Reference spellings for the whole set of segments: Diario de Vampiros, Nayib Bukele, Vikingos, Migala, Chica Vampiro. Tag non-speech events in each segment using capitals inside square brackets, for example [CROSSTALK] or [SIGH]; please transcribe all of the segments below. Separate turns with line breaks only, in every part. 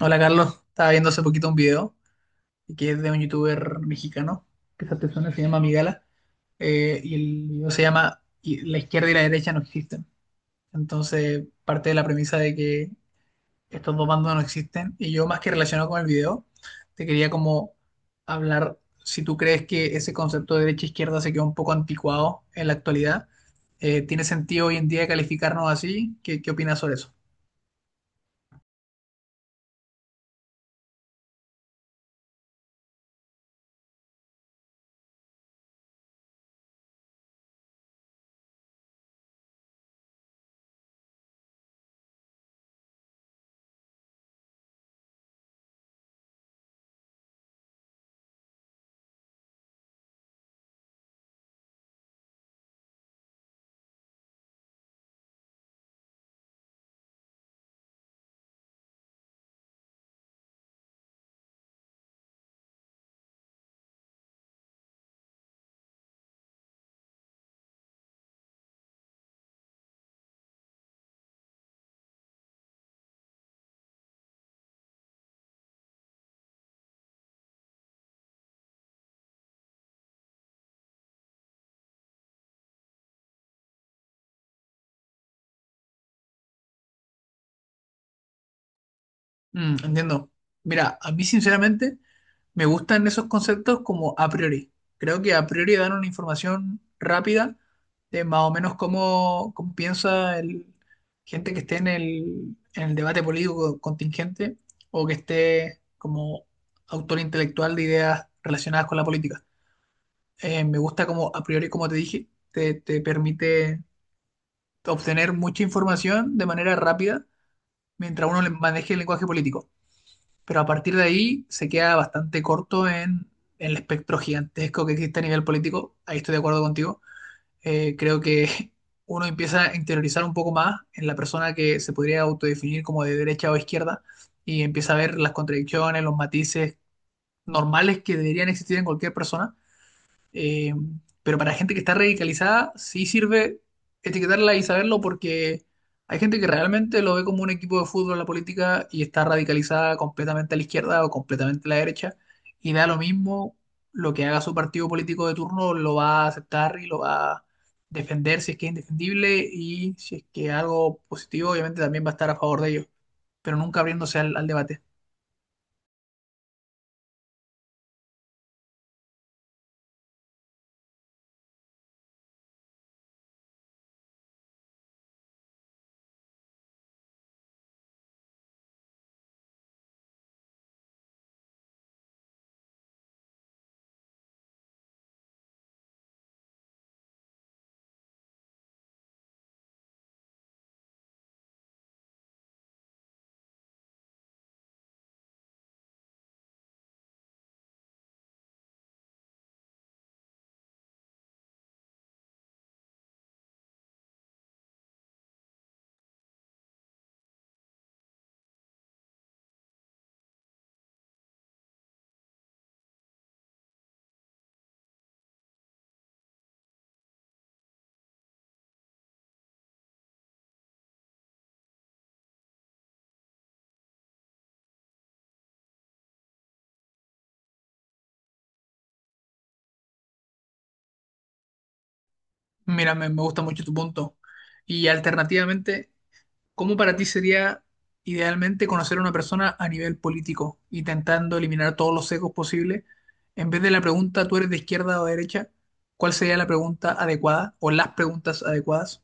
Hola Carlos, estaba viendo hace poquito un video que es de un youtuber mexicano, que esa persona se llama Migala. El video se llama y La izquierda y la derecha no existen. Entonces parte de la premisa de que estos dos bandos no existen, y yo, más que relacionado con el video, te quería como hablar si tú crees que ese concepto de derecha-izquierda se quedó un poco anticuado en la actualidad. ¿tiene sentido hoy en día calificarnos así? ¿Qué opinas sobre eso? Mm, entiendo. Mira, a mí sinceramente me gustan esos conceptos como a priori. Creo que a priori dan una información rápida de más o menos cómo piensa gente que esté en en el debate político contingente o que esté como autor intelectual de ideas relacionadas con la política. Me gusta como a priori, como te dije, te permite obtener mucha información de manera rápida mientras maneje el lenguaje político, pero a partir de ahí se queda bastante corto en el espectro gigantesco que existe a nivel político. Ahí estoy de acuerdo contigo. Creo que [LAUGHS] uno empieza a interiorizar un poco más en la persona que se podría autodefinir como de derecha o izquierda y empieza a ver las contradicciones, los matices normales que deberían existir en cualquier persona. eh, pero para gente que está radicalizada, sí sirve etiquetarla y saberlo, porque hay gente que realmente lo ve como un equipo de fútbol la política y está radicalizada completamente a la izquierda o completamente a la derecha, y da lo mismo lo que haga su partido político de turno, lo va a aceptar y lo va a defender si es que es indefendible, y si es que algo positivo, obviamente también va a estar a favor de ellos, pero nunca abriéndose al debate. Mira, me gusta mucho tu punto. Y alternativamente, ¿cómo para ti sería idealmente conocer a una persona a nivel político, intentando eliminar todos los sesgos posibles? En vez de la pregunta, ¿tú eres de izquierda o de derecha?, ¿cuál sería la pregunta adecuada o las preguntas adecuadas?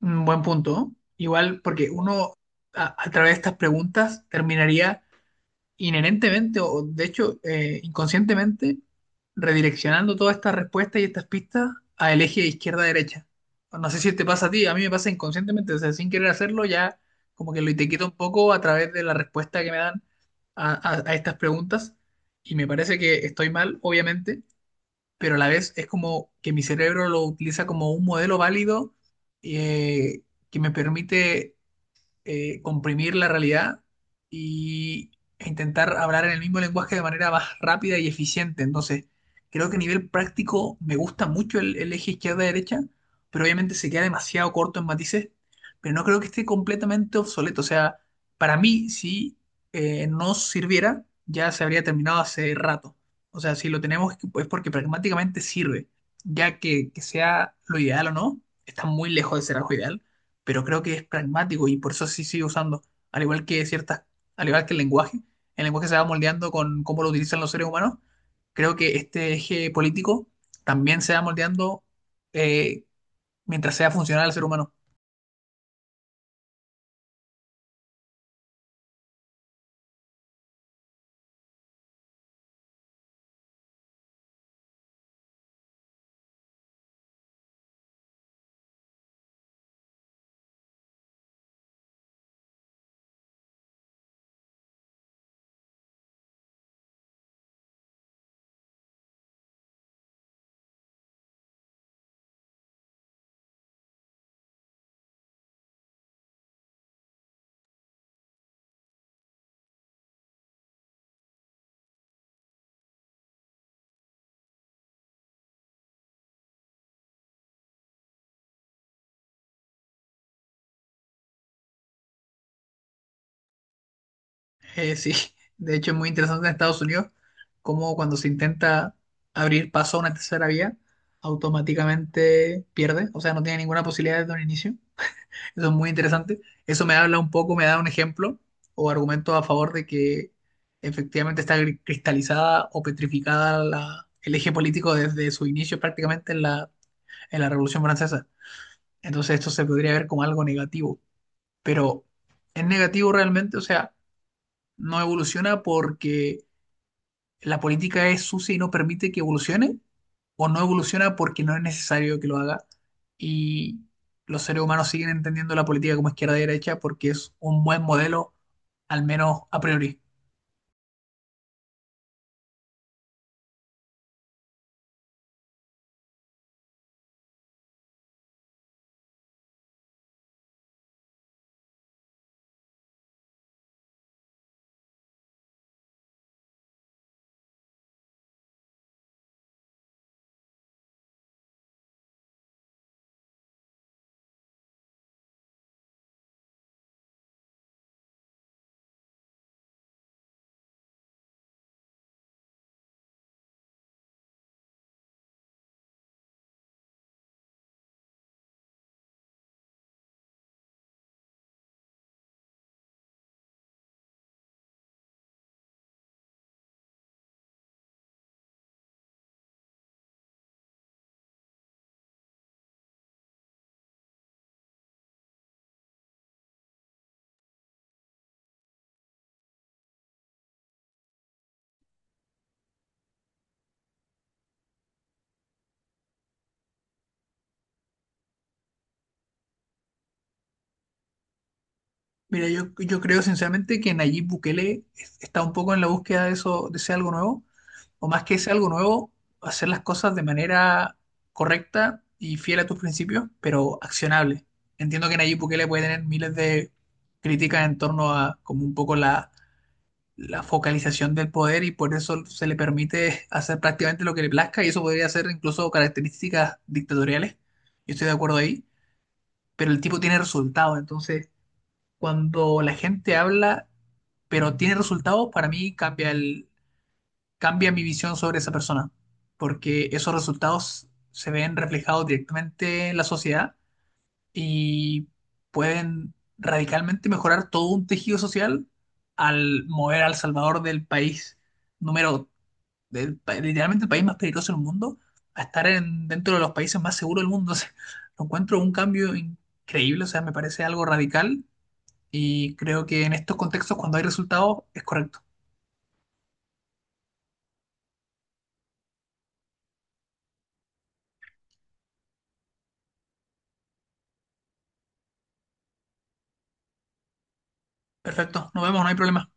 Un buen punto, ¿no? Igual, porque uno a través de estas preguntas terminaría inherentemente, o de hecho, inconscientemente, redireccionando todas estas respuestas y estas pistas a el eje izquierda-derecha. No sé si te pasa a ti, a mí me pasa inconscientemente, o sea, sin querer hacerlo, ya como que lo etiqueto un poco a través de la respuesta que me dan a estas preguntas, y me parece que estoy mal, obviamente, pero a la vez es como que mi cerebro lo utiliza como un modelo válido, eh, que me permite comprimir la realidad y, e intentar hablar en el mismo lenguaje de manera más rápida y eficiente. Entonces, creo que a nivel práctico me gusta mucho el eje izquierda-derecha, pero obviamente se queda demasiado corto en matices, pero no creo que esté completamente obsoleto. O sea, para mí, si no sirviera, ya se habría terminado hace rato. O sea, si lo tenemos es porque pragmáticamente sirve, ya que sea lo ideal o no, está muy lejos de ser algo ideal, pero creo que es pragmático y por eso sí sigue usando, al igual que ciertas, al igual que el lenguaje se va moldeando con cómo lo utilizan los seres humanos, creo que este eje político también se va moldeando, eh, mientras sea funcional al ser humano. Sí, [LAUGHS] de hecho es muy interesante en Estados Unidos cómo cuando se intenta abrir paso a una tercera vía, automáticamente pierde, o sea, no tiene ninguna posibilidad desde un inicio. Eso es muy interesante. Eso me habla un poco, me da un ejemplo o argumento a favor de que efectivamente está cristalizada o petrificada el eje político desde su inicio prácticamente en la Revolución Francesa. Entonces esto se podría ver como algo negativo, pero ¿es negativo realmente? O sea, ¿no evoluciona porque la política es sucia y no permite que evolucione?, ¿o no evoluciona porque no es necesario que lo haga? Y los seres humanos siguen entendiendo la política como izquierda-derecha porque es un buen modelo, al menos a priori. Mira, yo creo sinceramente que Nayib Bukele está un poco en la búsqueda de eso, de ese algo nuevo, o más que ese algo nuevo, hacer las cosas de manera correcta y fiel a tus principios, pero accionable. Entiendo que Nayib Bukele puede tener miles de críticas en torno a como un poco la focalización del poder, y por eso se le permite [LAUGHS] hacer prácticamente lo que le plazca, y eso podría ser incluso características dictatoriales. Yo estoy de acuerdo ahí, pero el tipo tiene resultados. Entonces, cuando la gente habla, pero tiene resultados, para mí cambia cambia mi visión sobre esa persona, porque esos resultados se ven reflejados directamente en la sociedad y pueden radicalmente mejorar todo un tejido social al mover al Salvador del país número literalmente el país más peligroso del mundo, a estar en, dentro de los países más seguros del mundo. [LAUGHS] O sea, lo encuentro un cambio increíble, o sea, me parece algo radical, y creo que en estos contextos, cuando hay resultados, es correcto. Perfecto, nos vemos, no hay problema.